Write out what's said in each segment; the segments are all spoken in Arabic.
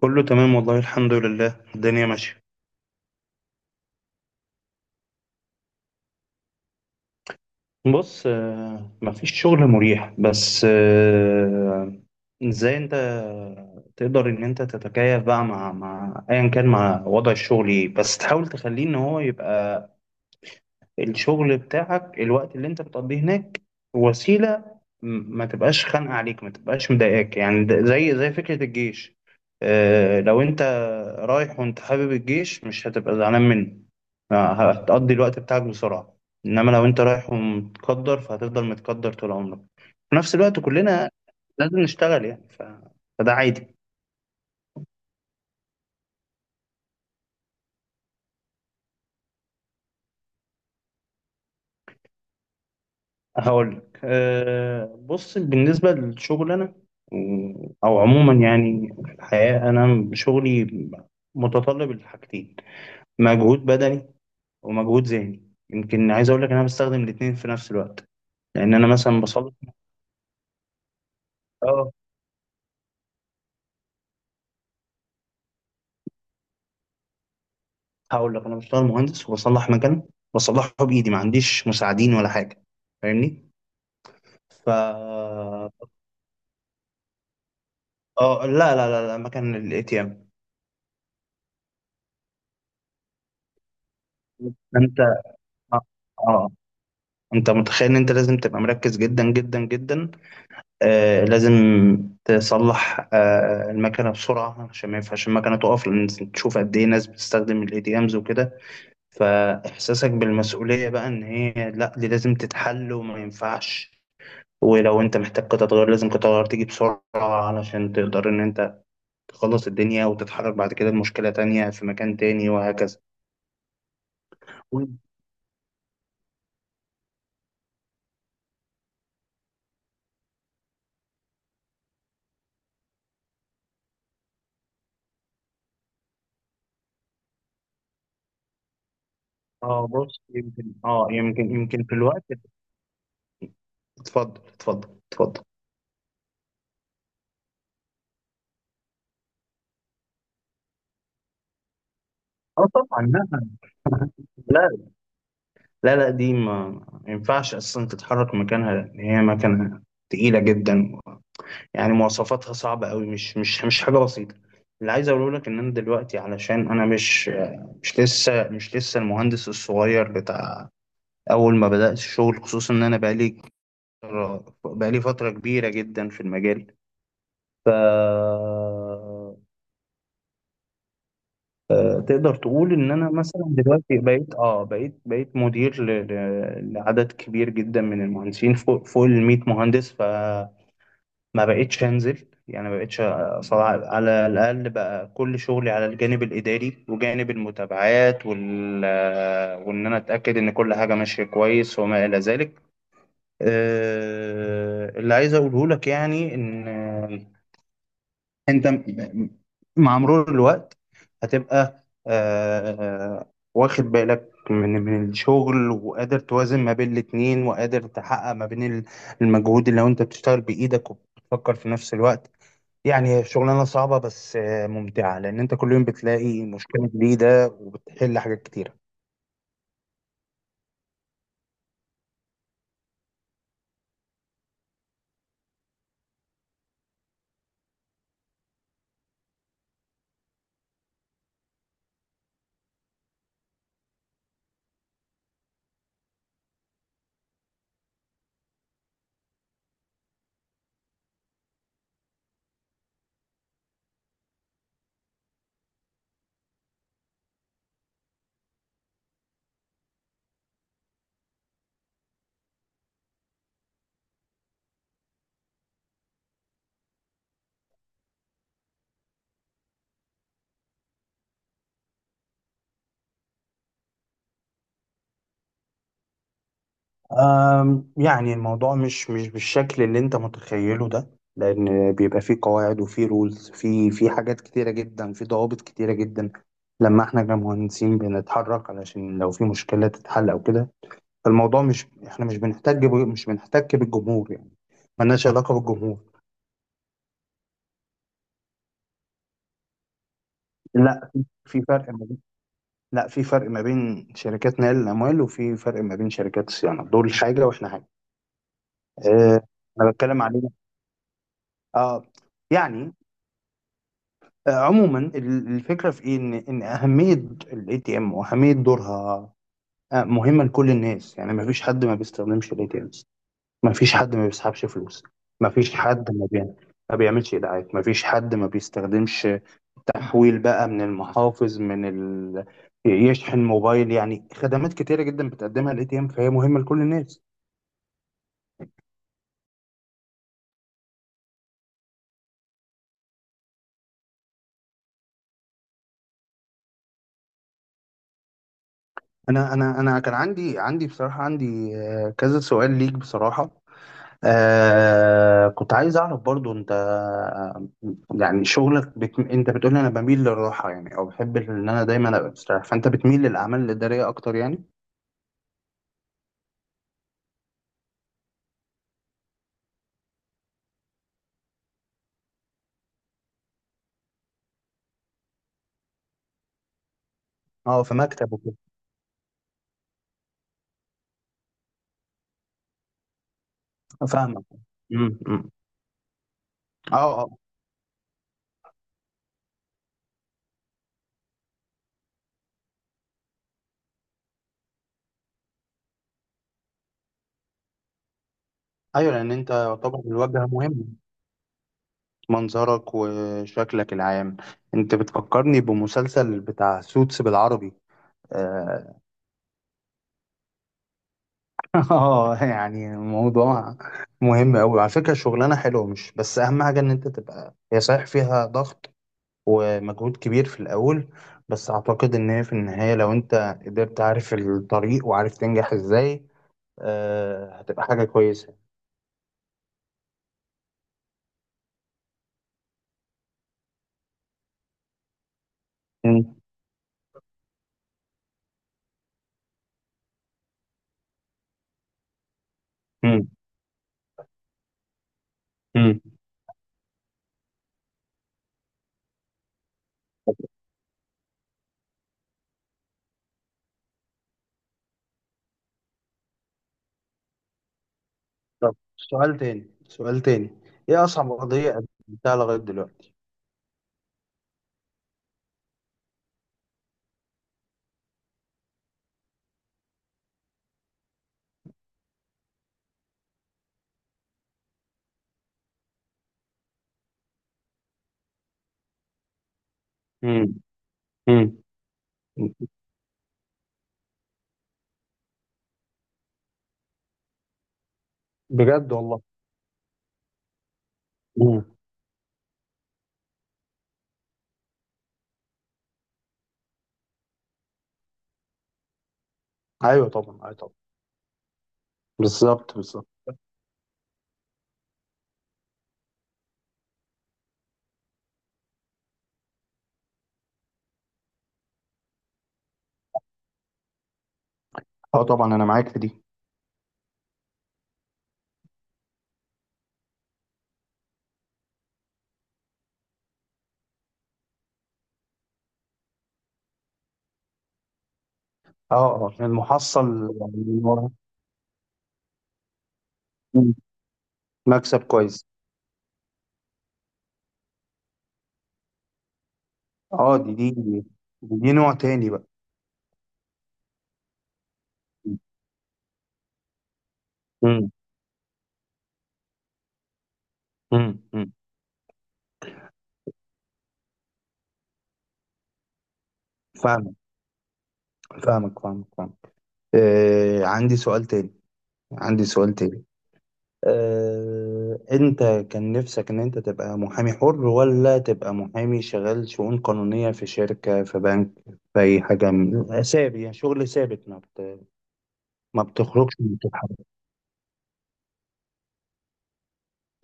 كله تمام والله، الحمد لله، الدنيا ماشية. بص، مفيش شغل مريح، بس ازاي انت تقدر ان انت تتكيف بقى مع ايا كان، مع وضع الشغل ايه، بس تحاول تخليه ان هو يبقى الشغل بتاعك، الوقت اللي انت بتقضيه هناك وسيلة، ما تبقاش خانقة عليك، ما تبقاش مضايقاك يعني، زي فكرة الجيش. اه لو انت رايح وانت حابب الجيش، مش هتبقى زعلان منه، اه، هتقضي الوقت بتاعك بسرعة. انما لو انت رايح ومتقدر، فهتفضل متقدر طول عمرك. في نفس الوقت كلنا لازم نشتغل يعني، فده عادي. هقول لك بص، بالنسبة للشغل أنا، م، أو عموما يعني، في الحياة أنا شغلي متطلب لحاجتين: مجهود بدني ومجهود ذهني. يمكن عايز أقول لك إن أنا بستخدم الاتنين في نفس الوقت، لأن أنا مثلا بصلح. أه، هقول لك، أنا بشتغل مهندس وبصلح مكان، بصلحه بإيدي، ما عنديش مساعدين ولا حاجة، فاهمني؟ ف أه، لا لا لا لا، مكان الإتيام. أنت أه آه، انت متخيل ان انت لازم تبقى مركز جدا جدا جدا، لازم تصلح المكنه بسرعه، عشان ما ينفعش المكنه تقف، لان تشوف قد ايه ناس بتستخدم الاي دي امز وكده. فاحساسك بالمسؤوليه بقى ان هي، لا، دي لازم تتحل وما ينفعش، ولو انت محتاج قطع غيار لازم قطع غيار تيجي بسرعه علشان تقدر ان انت تخلص الدنيا وتتحرك بعد كده لمشكله تانية في مكان تاني، وهكذا. اه بص، يمكن اه يمكن يمكن في الوقت. اتفضل اتفضل اتفضل. اه طبعا، لا. لا لا لا، دي ما ينفعش اصلا تتحرك مكانها، لان هي مكنه تقيله جدا، يعني مواصفاتها صعبه قوي، مش حاجه بسيطه. اللي عايز اقوله لك ان انا دلوقتي، علشان انا مش لسه المهندس الصغير بتاع اول ما بدات الشغل، خصوصا ان انا بقالي فتره كبيره جدا في المجال. ف تقدر تقول ان انا مثلا دلوقتي بقيت اه بقيت بقيت مدير لعدد كبير جدا من المهندسين، فوق ال 100 مهندس، فما بقيتش انزل، يعني ما بقيتش صراحة على الاقل. بقى كل شغلي على الجانب الاداري وجانب المتابعات وان انا اتاكد ان كل حاجه ماشيه كويس وما الى ذلك. اللي عايز اقوله لك يعني، ان انت مع مرور الوقت هتبقى واخد بالك من الشغل، وقادر توازن ما بين الاتنين، وقادر تحقق ما بين المجهود، اللي لو انت بتشتغل بايدك وبتفكر في نفس الوقت. يعني هي شغلانة صعبة، بس ممتعة، لان انت كل يوم بتلاقي مشكلة جديدة وبتحل حاجات كتير. يعني الموضوع مش بالشكل اللي انت متخيله ده، لان بيبقى فيه قواعد وفيه رولز، في حاجات كتيره جدا، في ضوابط كتيره جدا لما احنا كمهندسين بنتحرك، علشان لو في مشكله تتحل او كده. فالموضوع مش احنا، مش بنحتاج بالجمهور يعني، ملناش علاقه بالجمهور. لا في فرق ما بين لا، في فرق ما بين شركات نقل الاموال، وفي فرق ما بين شركات الصيانه، دول حاجه واحنا حاجه. أه، انا بتكلم عليه. اه يعني، عموما الفكره في ايه، ان اهميه الاي تي ام واهميه دورها، مهمه لكل الناس. يعني ما فيش حد ما بيستخدمش الاي تي امز، ما فيش حد ما بيسحبش فلوس، ما فيش حد ما بيعملش ايداعات، ما فيش حد ما بيستخدمش تحويل بقى من المحافظ، يشحن موبايل، يعني خدمات كتيره جدا بتقدمها الاي تي ام، فهي مهمه لكل الناس. انا كان عندي بصراحه، عندي كذا سؤال ليك بصراحه. كنت عايز أعرف برضو، أنت يعني شغلك أنت بتقول لي أنا بميل للراحة، يعني أو بحب إن أنا دايما أبقى مستريح، فأنت بتميل للأعمال الإدارية أكتر يعني؟ أه، في مكتب وكده، فاهمك. أمم، أمم. أه أه. أيوه، لأن أنت طبعا الواجهة مهمة، منظرك وشكلك العام. أنت بتفكرني بمسلسل بتاع سوتس بالعربي آه، اه يعني الموضوع مهم قوي على فكره، شغلانه حلوه، مش بس اهم حاجه ان انت تبقى، هي صحيح فيها ضغط ومجهود كبير في الاول، بس اعتقد ان هي في النهايه لو انت قدرت عارف الطريق، وعارف تنجح ازاي هتبقى حاجه كويسه. مم. مم. مم. طب سؤال تاني، سؤال تاني. ايه اصعب قضيه قدمتها لغايه دلوقتي؟ مم. مم. بجد والله. مم. ايوه طبعا، ايوه طبعا. بالظبط بالظبط. اه طبعا، انا معاك في دي. اه اه، المحصل يعني من ورا. مم. مكسب كويس. اه، دي, دي نوع تاني بقى. امم. امم. فاهمك فاهمك فاهمك فاهمك. عندي سؤال تاني، عندي سؤال تاني. آه انت، كان نفسك ان انت تبقى محامي حر، ولا تبقى محامي شغال شؤون قانونية في شركة، في بنك، في اي حاجة ثابت، يعني شغل ثابت، ما بتخرجش من تتحرك.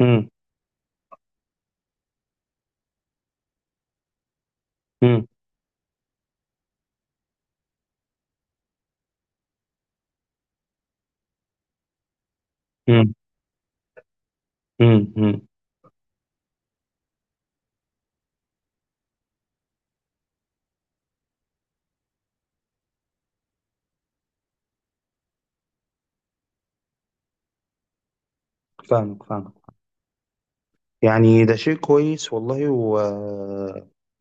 امم. امم. امم. امم. فاهمك فاهمك. يعني ده شيء كويس والله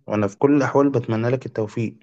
وانا في كل الاحوال بتمنى لك التوفيق.